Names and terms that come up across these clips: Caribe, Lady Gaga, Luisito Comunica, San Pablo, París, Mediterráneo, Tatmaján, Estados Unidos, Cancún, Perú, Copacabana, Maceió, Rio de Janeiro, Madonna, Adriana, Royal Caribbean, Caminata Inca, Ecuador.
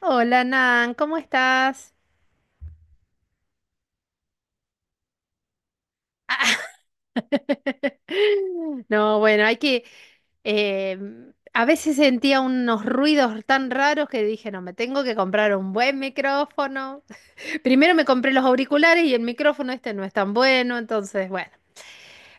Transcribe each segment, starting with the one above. Hola Nan, ¿cómo estás? No, bueno, eh, a veces sentía unos ruidos tan raros que dije, no, me tengo que comprar un buen micrófono. Primero me compré los auriculares y el micrófono este no es tan bueno, entonces, bueno.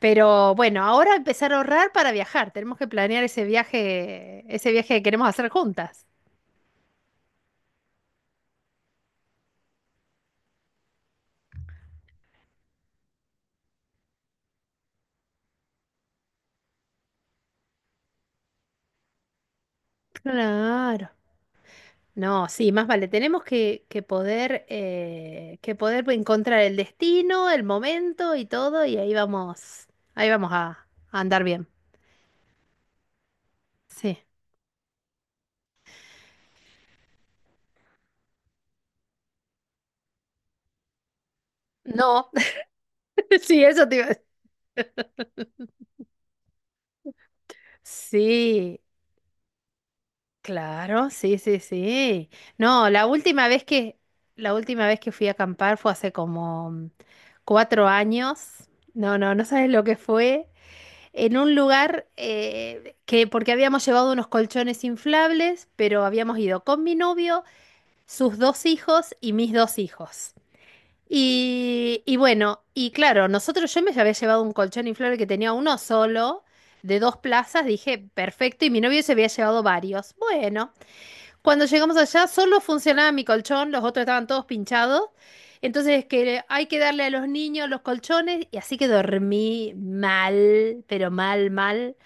Pero bueno, ahora empezar a ahorrar para viajar. Tenemos que planear ese viaje que queremos hacer juntas. Claro. No, sí, más vale. Tenemos que poder, que poder encontrar el destino, el momento y todo, y ahí vamos, ahí vamos a, a andar bien. Sí. No, sí, eso te iba a decir. Sí, claro, sí, sí, sí. No, la última vez que fui a acampar fue hace como 4 años. No, no, no sabes lo que fue. En un lugar que, porque habíamos llevado unos colchones inflables, pero habíamos ido con mi novio, sus dos hijos y mis dos hijos. Y bueno, y claro, nosotros yo me había llevado un colchón inflable que tenía uno solo, de dos plazas, dije, perfecto, y mi novio se había llevado varios. Bueno, cuando llegamos allá solo funcionaba mi colchón, los otros estaban todos pinchados. Entonces, que hay que darle a los niños los colchones y así que dormí mal, pero mal, mal.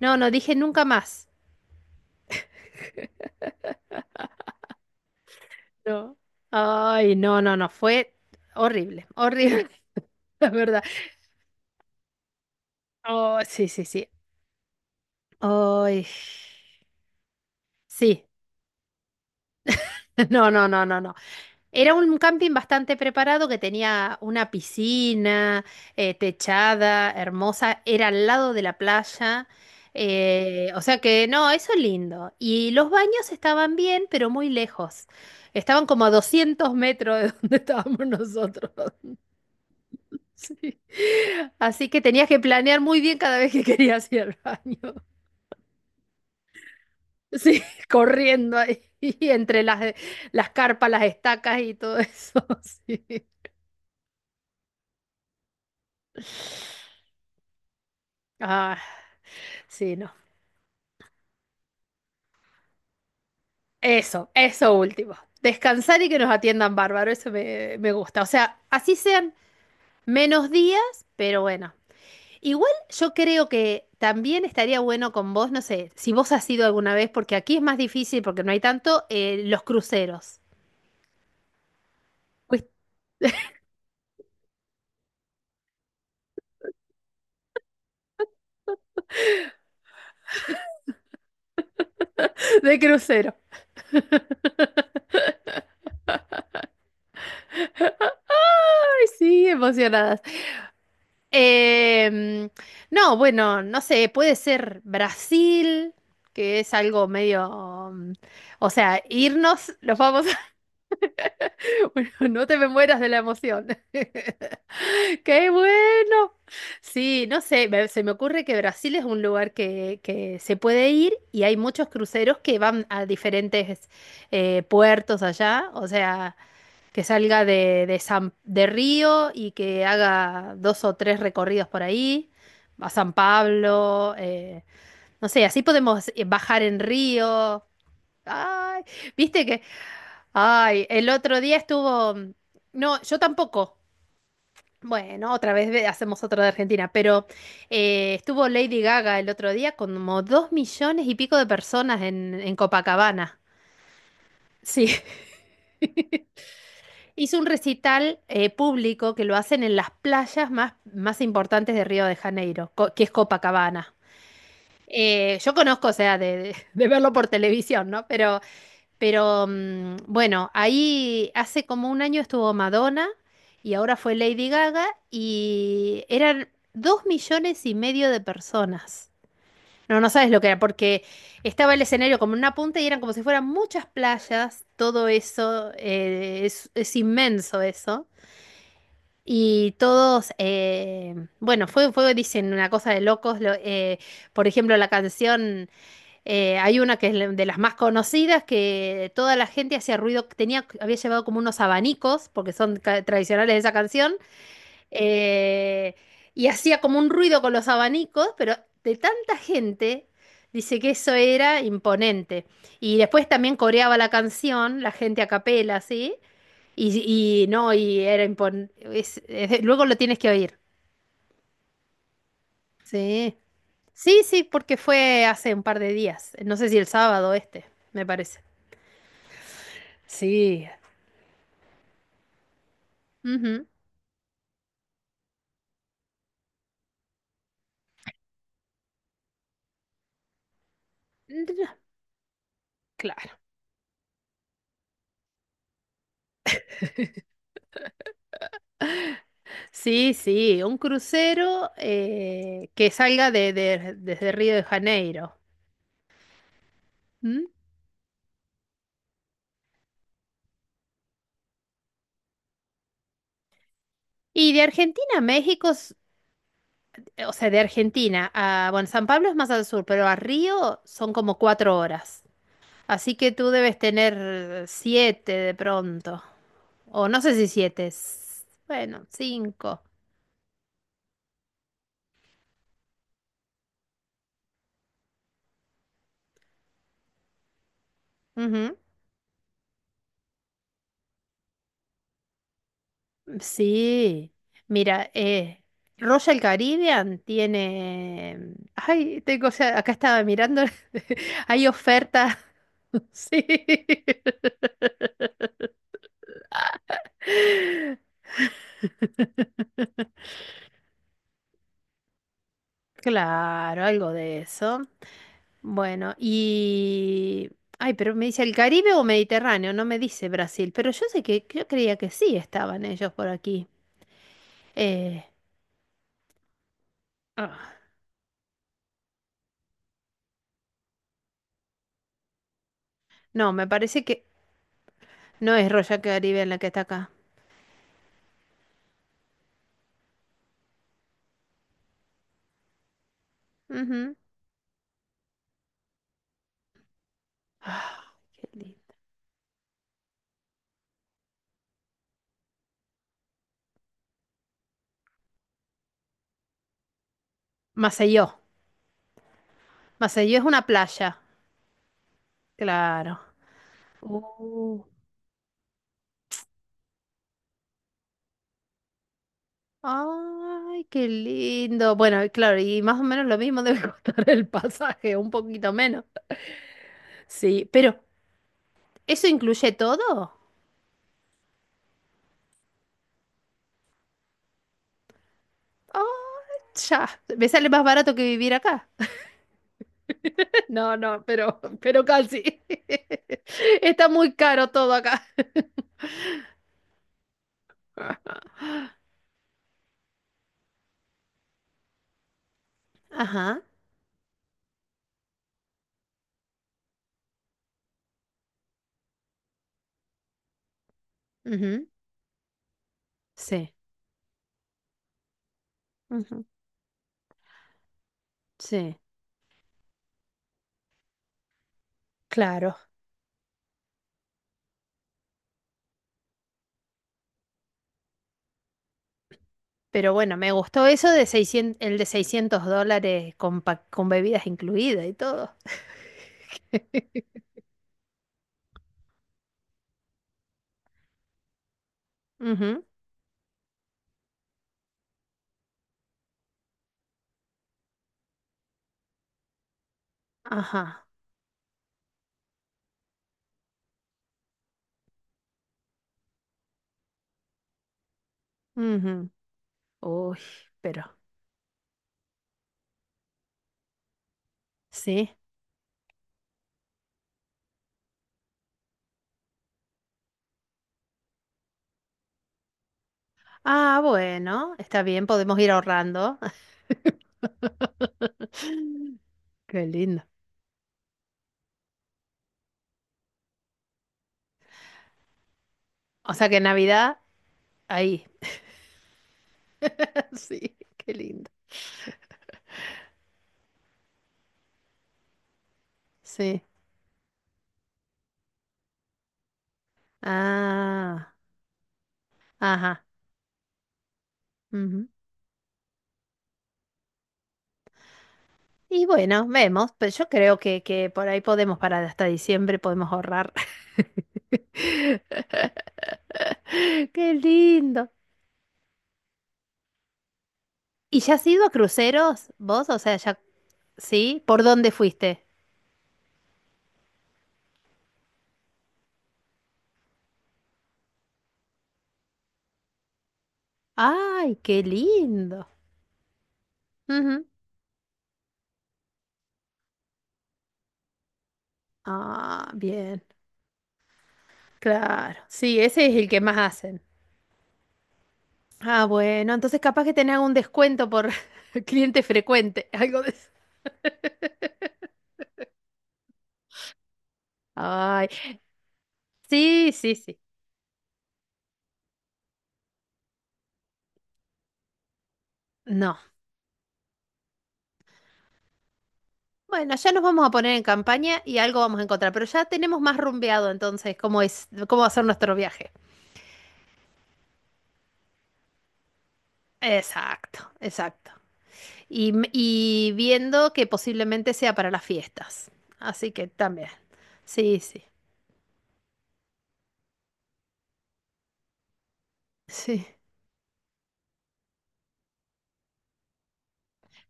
No, no dije nunca más. No. Ay, no, no, no, fue horrible, horrible, la verdad. Oh, sí, sí, sí. Ay, sí. No, no, no, no, no. Era un camping bastante preparado que tenía una piscina, techada, hermosa, era al lado de la playa. O sea que no, eso es lindo. Y los baños estaban bien, pero muy lejos. Estaban como a 200 metros de donde estábamos nosotros. Así que tenías que planear muy bien cada vez que querías ir al baño. Sí, corriendo ahí entre las carpas, las estacas y todo eso. Sí. Ah, sí, no. Eso último. Descansar y que nos atiendan bárbaro, eso me gusta. O sea, así sean menos días, pero bueno. Igual yo creo que también estaría bueno con vos, no sé, si vos has ido alguna vez, porque aquí es más difícil porque no hay tanto, los cruceros. De crucero. Ay, sí, emocionadas. Em, no, bueno, no sé, puede ser Brasil, que es algo medio, o sea, irnos, los vamos a... Bueno, no te me mueras de la emoción. ¡Qué bueno! Sí, no sé, se me ocurre que Brasil es un lugar que se puede ir y hay muchos cruceros que van a diferentes puertos allá, o sea... que salga de San, de Río y que haga dos o tres recorridos por ahí, a San Pablo, no sé, así podemos bajar en Río. Ay, viste que, ay, el otro día estuvo, no, yo tampoco. Bueno, otra vez hacemos otro de Argentina, pero estuvo Lady Gaga el otro día con como 2 millones y pico de personas en Copacabana. Sí. Hizo un recital público que lo hacen en las playas más, más importantes de Río de Janeiro, que es Copacabana. Yo conozco, o sea, de verlo por televisión, ¿no? Pero bueno, ahí hace como un año estuvo Madonna y ahora fue Lady Gaga y eran 2,5 millones de personas. No, no sabes lo que era, porque estaba el escenario como en una punta y eran como si fueran muchas playas, todo eso, es inmenso eso. Y todos, bueno, fue, dicen, una cosa de locos. Por ejemplo, la canción, hay una que es de las más conocidas, que toda la gente hacía ruido, tenía, había llevado como unos abanicos, porque son tradicionales de esa canción, eh, y hacía como un ruido con los abanicos, pero de tanta gente, dice que eso era imponente. Y después también coreaba la canción, la gente a capela, ¿sí? Y no, y era impon- es- luego lo tienes que oír. Sí. Sí, sí, porque fue hace un par de días. No sé si el sábado este, me parece. Sí. Ujú. Ndra- Claro. Sí, sí, un crucero que salga desde Río de Janeiro. ¿M? Y de Argentina a México, o sea, de Argentina a, bueno, San Pablo es más al sur, pero a Río son como 4 horas. Así que tú debes tener siete de pronto. O no sé si siete. Bueno, cinco. Ujú. Sí. Mira, Royal Caribbean tiene. Ay, tengo, o sea, acá estaba mirando. Hay oferta. Sí. Claro, algo de eso. Bueno, y... Ay, pero me dice el Caribe o Mediterráneo, no me dice Brasil, pero yo sé que yo creía que sí estaban ellos por aquí. Eh, ah, no, me parece que... no es Royal Caribbean la que está acá. Ujú. Ah, qué lindo. Maceió. Maceió es una playa. Claro. Uh. Ay, qué lindo. Bueno, y claro, y más o menos lo mismo debe costar el pasaje, un poquito menos. Sí, pero ¿eso incluye todo? Ay, ya. Me sale más barato que vivir acá. No, no, pero casi. Está muy caro todo acá. Ajá. Ujú, sí. Ujú, sí. Claro, pero bueno, me gustó eso de 600, el de $600 con, con bebidas incluidas y todo. Ujú, ajá. Ujú. Uy, pero sí. Ah, bueno, está bien, podemos ir ahorrando. Qué lindo. O sea que Navidad, ahí. Sí, qué lindo. Sí. Ah, ajá. Y bueno, vemos, pero yo creo que por ahí podemos parar hasta diciembre, podemos ahorrar. Qué lindo. ¿Y ya has ido a cruceros vos? O sea, ya, ¿sí? ¿Por dónde fuiste? Ay, qué lindo. Ujú. Ah, bien. Claro. Sí, ese es el que más hacen. Ah, bueno, entonces capaz que tenés algún descuento por cliente frecuente, algo de eso. Ay, sí, sí, sí. No. Bueno, ya nos vamos a poner en campaña y algo vamos a encontrar, pero ya tenemos más rumbeado entonces cómo es, cómo va a ser nuestro viaje. Exacto, exacto. Y viendo que posiblemente sea para las fiestas. Así que también. Sí, sí, sí.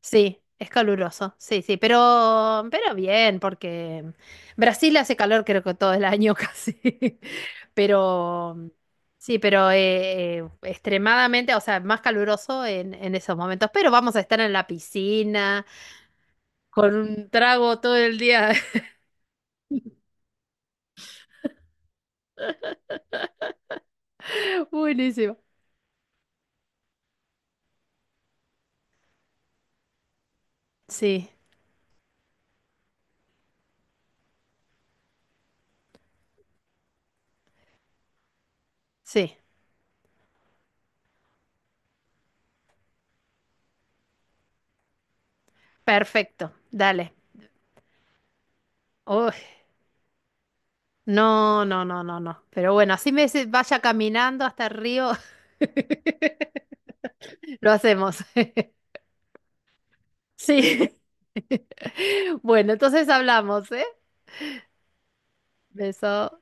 Sí, es caluroso, sí, sí, pero bien, porque Brasil hace calor creo que todo el año casi, pero sí, pero extremadamente, o sea, más caluroso en esos momentos, pero vamos a estar en la piscina con un trago todo el día. Buenísimo. Sí, sí, perfecto, dale. Oh, no, no, no, no, no. Pero bueno, así me vaya caminando hasta el río. Lo hacemos. Sí. Bueno, entonces hablamos, ¿eh? Beso.